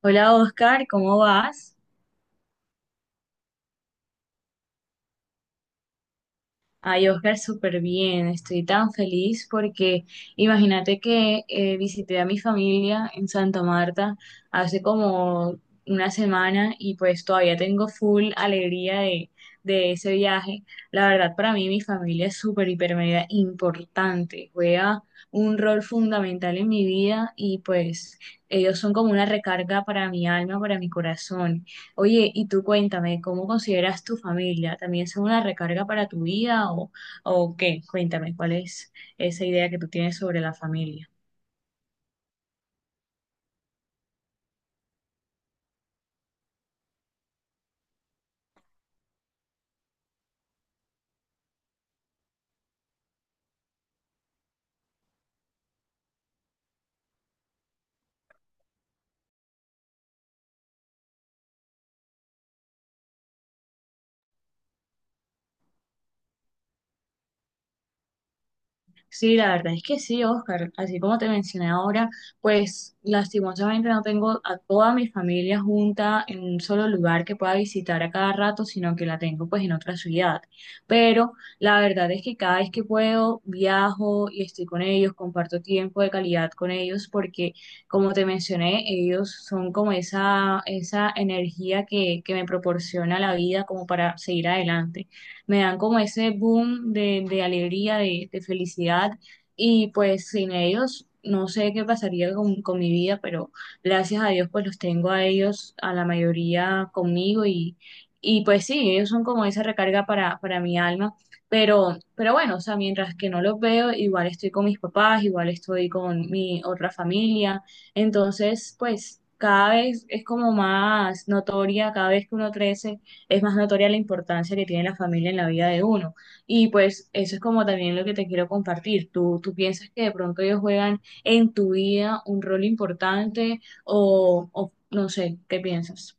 Hola Oscar, ¿cómo vas? Ay, Oscar, súper bien. Estoy tan feliz porque imagínate que visité a mi familia en Santa Marta hace como una semana y pues todavía tengo full alegría de ese viaje. La verdad, para mí mi familia es súper, hiper, mega importante. Juega un rol fundamental en mi vida y pues ellos son como una recarga para mi alma, para mi corazón. Oye, y tú cuéntame, ¿cómo consideras tu familia? ¿También son una recarga para tu vida o qué? Cuéntame, ¿cuál es esa idea que tú tienes sobre la familia? Sí, la verdad es que sí, Oscar. Así como te mencioné ahora, pues lastimosamente no tengo a toda mi familia junta en un solo lugar que pueda visitar a cada rato, sino que la tengo pues en otra ciudad. Pero la verdad es que cada vez que puedo viajo y estoy con ellos, comparto tiempo de calidad con ellos, porque como te mencioné, ellos son como esa energía que me proporciona la vida como para seguir adelante. Me dan como ese boom de alegría, de felicidad y pues sin ellos no sé qué pasaría con mi vida, pero gracias a Dios pues los tengo a ellos, a la mayoría conmigo y pues sí, ellos son como esa recarga para mi alma. Pero bueno, o sea, mientras que no los veo, igual estoy con mis papás, igual estoy con mi otra familia. Entonces, pues cada vez es como más notoria, cada vez que uno crece, es más notoria la importancia que tiene la familia en la vida de uno. Y pues eso es como también lo que te quiero compartir. ¿Tú piensas que de pronto ellos juegan en tu vida un rol importante o no sé, qué piensas?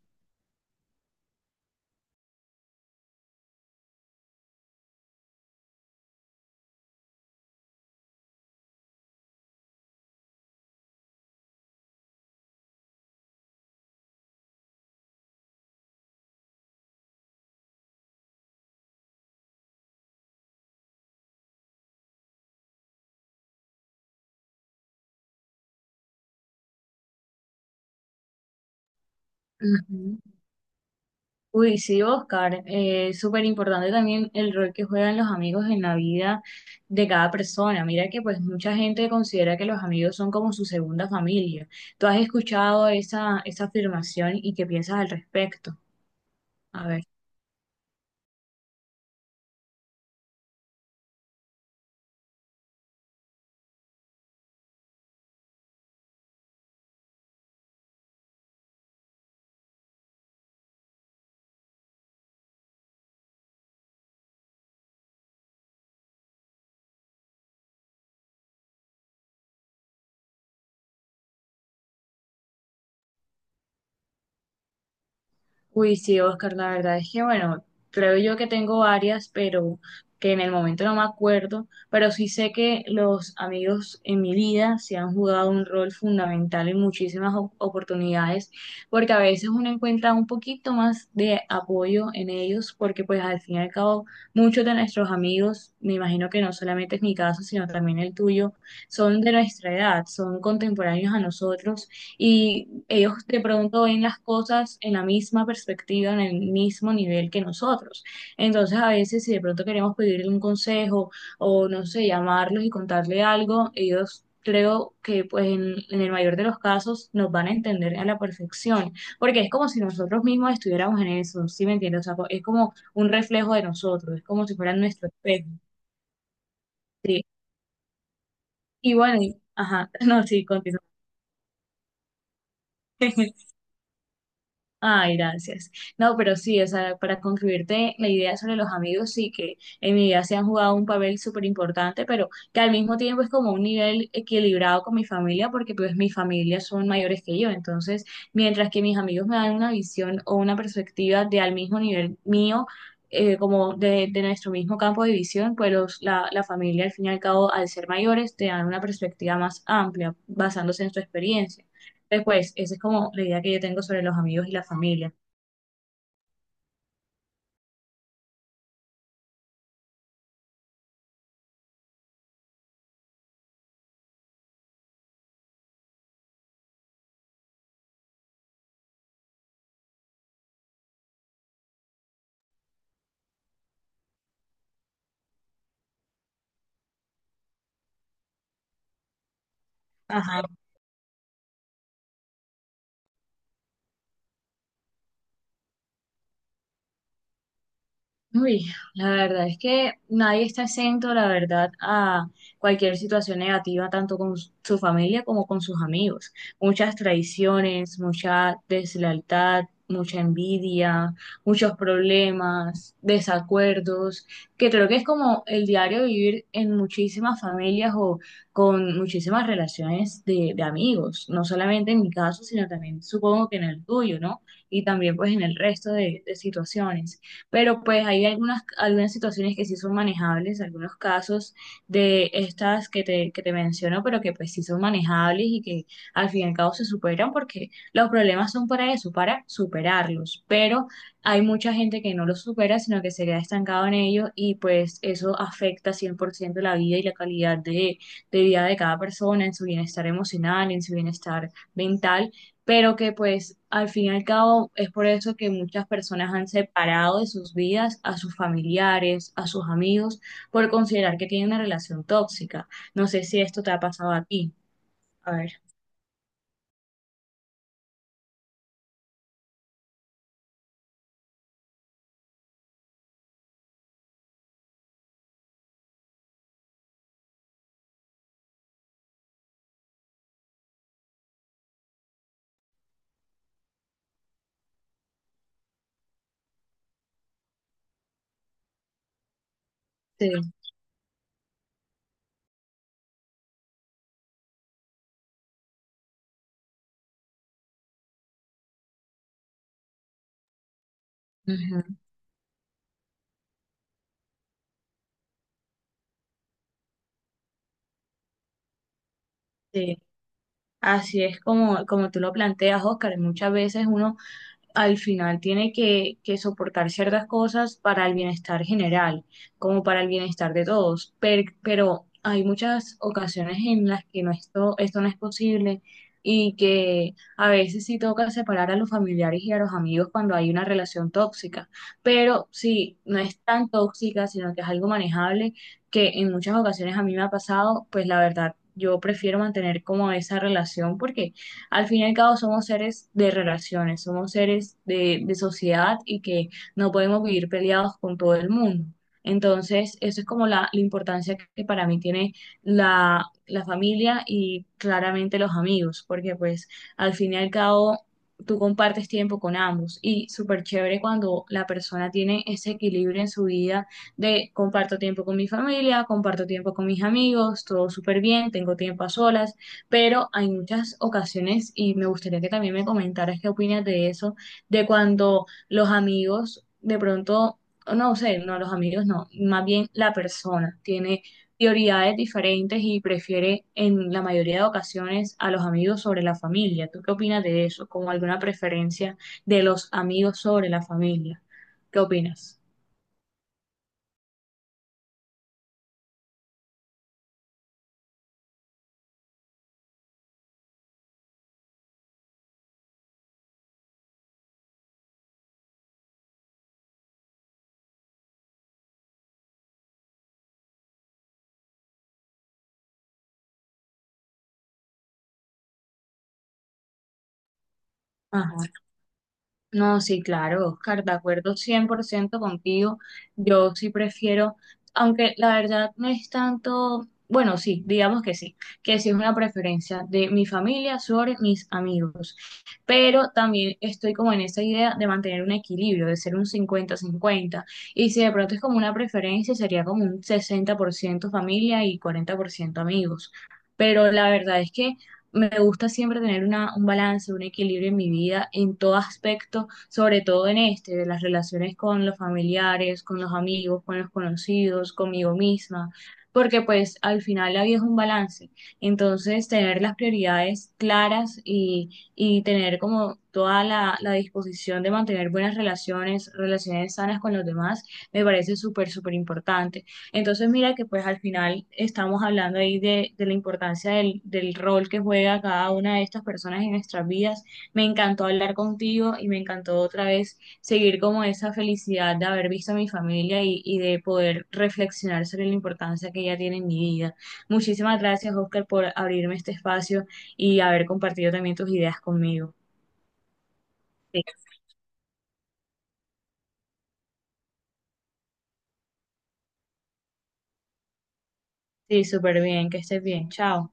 Ujú. Uy, sí, Oscar, es súper importante también el rol que juegan los amigos en la vida de cada persona. Mira que pues mucha gente considera que los amigos son como su segunda familia. ¿Tú has escuchado esa afirmación y qué piensas al respecto? A ver. Uy, sí, Oscar, la verdad es que, bueno, creo yo que tengo varias, pero que en el momento no me acuerdo, pero sí sé que los amigos en mi vida se han jugado un rol fundamental en muchísimas oportunidades, porque a veces uno encuentra un poquito más de apoyo en ellos, porque pues al fin y al cabo muchos de nuestros amigos, me imagino que no solamente es mi caso, sino también el tuyo, son de nuestra edad, son contemporáneos a nosotros y ellos de pronto ven las cosas en la misma perspectiva, en el mismo nivel que nosotros. Entonces, a veces si de pronto queremos pedirle un consejo o, no sé, llamarlos y contarle algo, ellos... Creo que pues en el mayor de los casos nos van a entender a la perfección, porque es como si nosotros mismos estuviéramos en eso, ¿sí me entiendes? O sea, es como un reflejo de nosotros, es como si fuera nuestro espejo, ¿sí? Y bueno, ajá, no, sí, continúa. Ay, gracias. No, pero sí, o sea, para concluirte la idea sobre los amigos, sí que en mi vida se han jugado un papel súper importante, pero que al mismo tiempo es como un nivel equilibrado con mi familia, porque pues mi familia son mayores que yo. Entonces, mientras que mis amigos me dan una visión o una perspectiva de al mismo nivel mío, como de nuestro mismo campo de visión, pues la familia al fin y al cabo, al ser mayores, te dan una perspectiva más amplia, basándose en su experiencia. Después, esa es como la idea que yo tengo sobre los amigos y la familia. Ajá. Uy, la verdad es que nadie está exento, la verdad, a cualquier situación negativa, tanto con su familia como con sus amigos. Muchas traiciones, mucha deslealtad, mucha envidia, muchos problemas, desacuerdos, que creo que es como el diario vivir en muchísimas familias o con muchísimas relaciones de amigos, no solamente en mi caso, sino también supongo que en el tuyo, ¿no? Y también pues en el resto de situaciones, pero pues hay algunas situaciones que sí son manejables, algunos casos de estas que te menciono, pero que pues sí son manejables y que al fin y al cabo se superan porque los problemas son para eso, para superarlos, pero hay mucha gente que no los supera, sino que se queda estancado en ello y pues eso afecta 100% la vida y la calidad de vida de cada persona, en su bienestar emocional, en su bienestar mental, pero que pues al fin y al cabo es por eso que muchas personas han separado de sus vidas a sus familiares, a sus amigos, por considerar que tienen una relación tóxica. No sé si esto te ha pasado a ti. A ver, sí, ujú, sí. Así es como, como tú lo planteas, Oscar. Muchas veces uno al final tiene que soportar ciertas cosas para el bienestar general, como para el bienestar de todos. Pero hay muchas ocasiones en las que no esto no es posible, y que a veces sí toca separar a los familiares y a los amigos cuando hay una relación tóxica. Pero si no es tan tóxica, sino que es algo manejable, que en muchas ocasiones a mí me ha pasado, pues la verdad, yo prefiero mantener como esa relación porque al fin y al cabo somos seres de relaciones, somos seres de sociedad y que no podemos vivir peleados con todo el mundo. Entonces, eso es como la importancia que para mí tiene la familia y claramente los amigos, porque pues al fin y al cabo tú compartes tiempo con ambos y súper chévere cuando la persona tiene ese equilibrio en su vida de comparto tiempo con mi familia, comparto tiempo con mis amigos, todo súper bien, tengo tiempo a solas, pero hay muchas ocasiones y me gustaría que también me comentaras qué opinas de eso, de cuando los amigos de pronto, o no sé, no los amigos, no, más bien la persona tiene prioridades diferentes y prefiere en la mayoría de ocasiones a los amigos sobre la familia. ¿Tú qué opinas de eso? ¿Como alguna preferencia de los amigos sobre la familia? ¿Qué opinas? Ajá. No, sí, claro, Oscar, de acuerdo 100% contigo. Yo sí prefiero, aunque la verdad no es tanto, bueno, sí, digamos que sí es una preferencia de mi familia sobre mis amigos. Pero también estoy como en esa idea de mantener un equilibrio, de ser un 50-50. Y si de pronto es como una preferencia, sería como un 60% familia y 40% amigos. Pero la verdad es que me gusta siempre tener una, un balance, un equilibrio en mi vida, en todo aspecto, sobre todo en este, de las relaciones con los familiares, con los amigos, con los conocidos, conmigo misma, porque pues al final la vida es un balance. Entonces, tener las prioridades claras y tener como toda la disposición de mantener buenas relaciones, relaciones sanas con los demás, me parece súper, súper importante. Entonces, mira que pues al final estamos hablando ahí de la importancia del rol que juega cada una de estas personas en nuestras vidas. Me encantó hablar contigo y me encantó otra vez seguir como esa felicidad de haber visto a mi familia y de poder reflexionar sobre la importancia que ella tiene en mi vida. Muchísimas gracias, Oscar, por abrirme este espacio y haber compartido también tus ideas conmigo. Sí, sí, súper bien, que estés bien. Chao.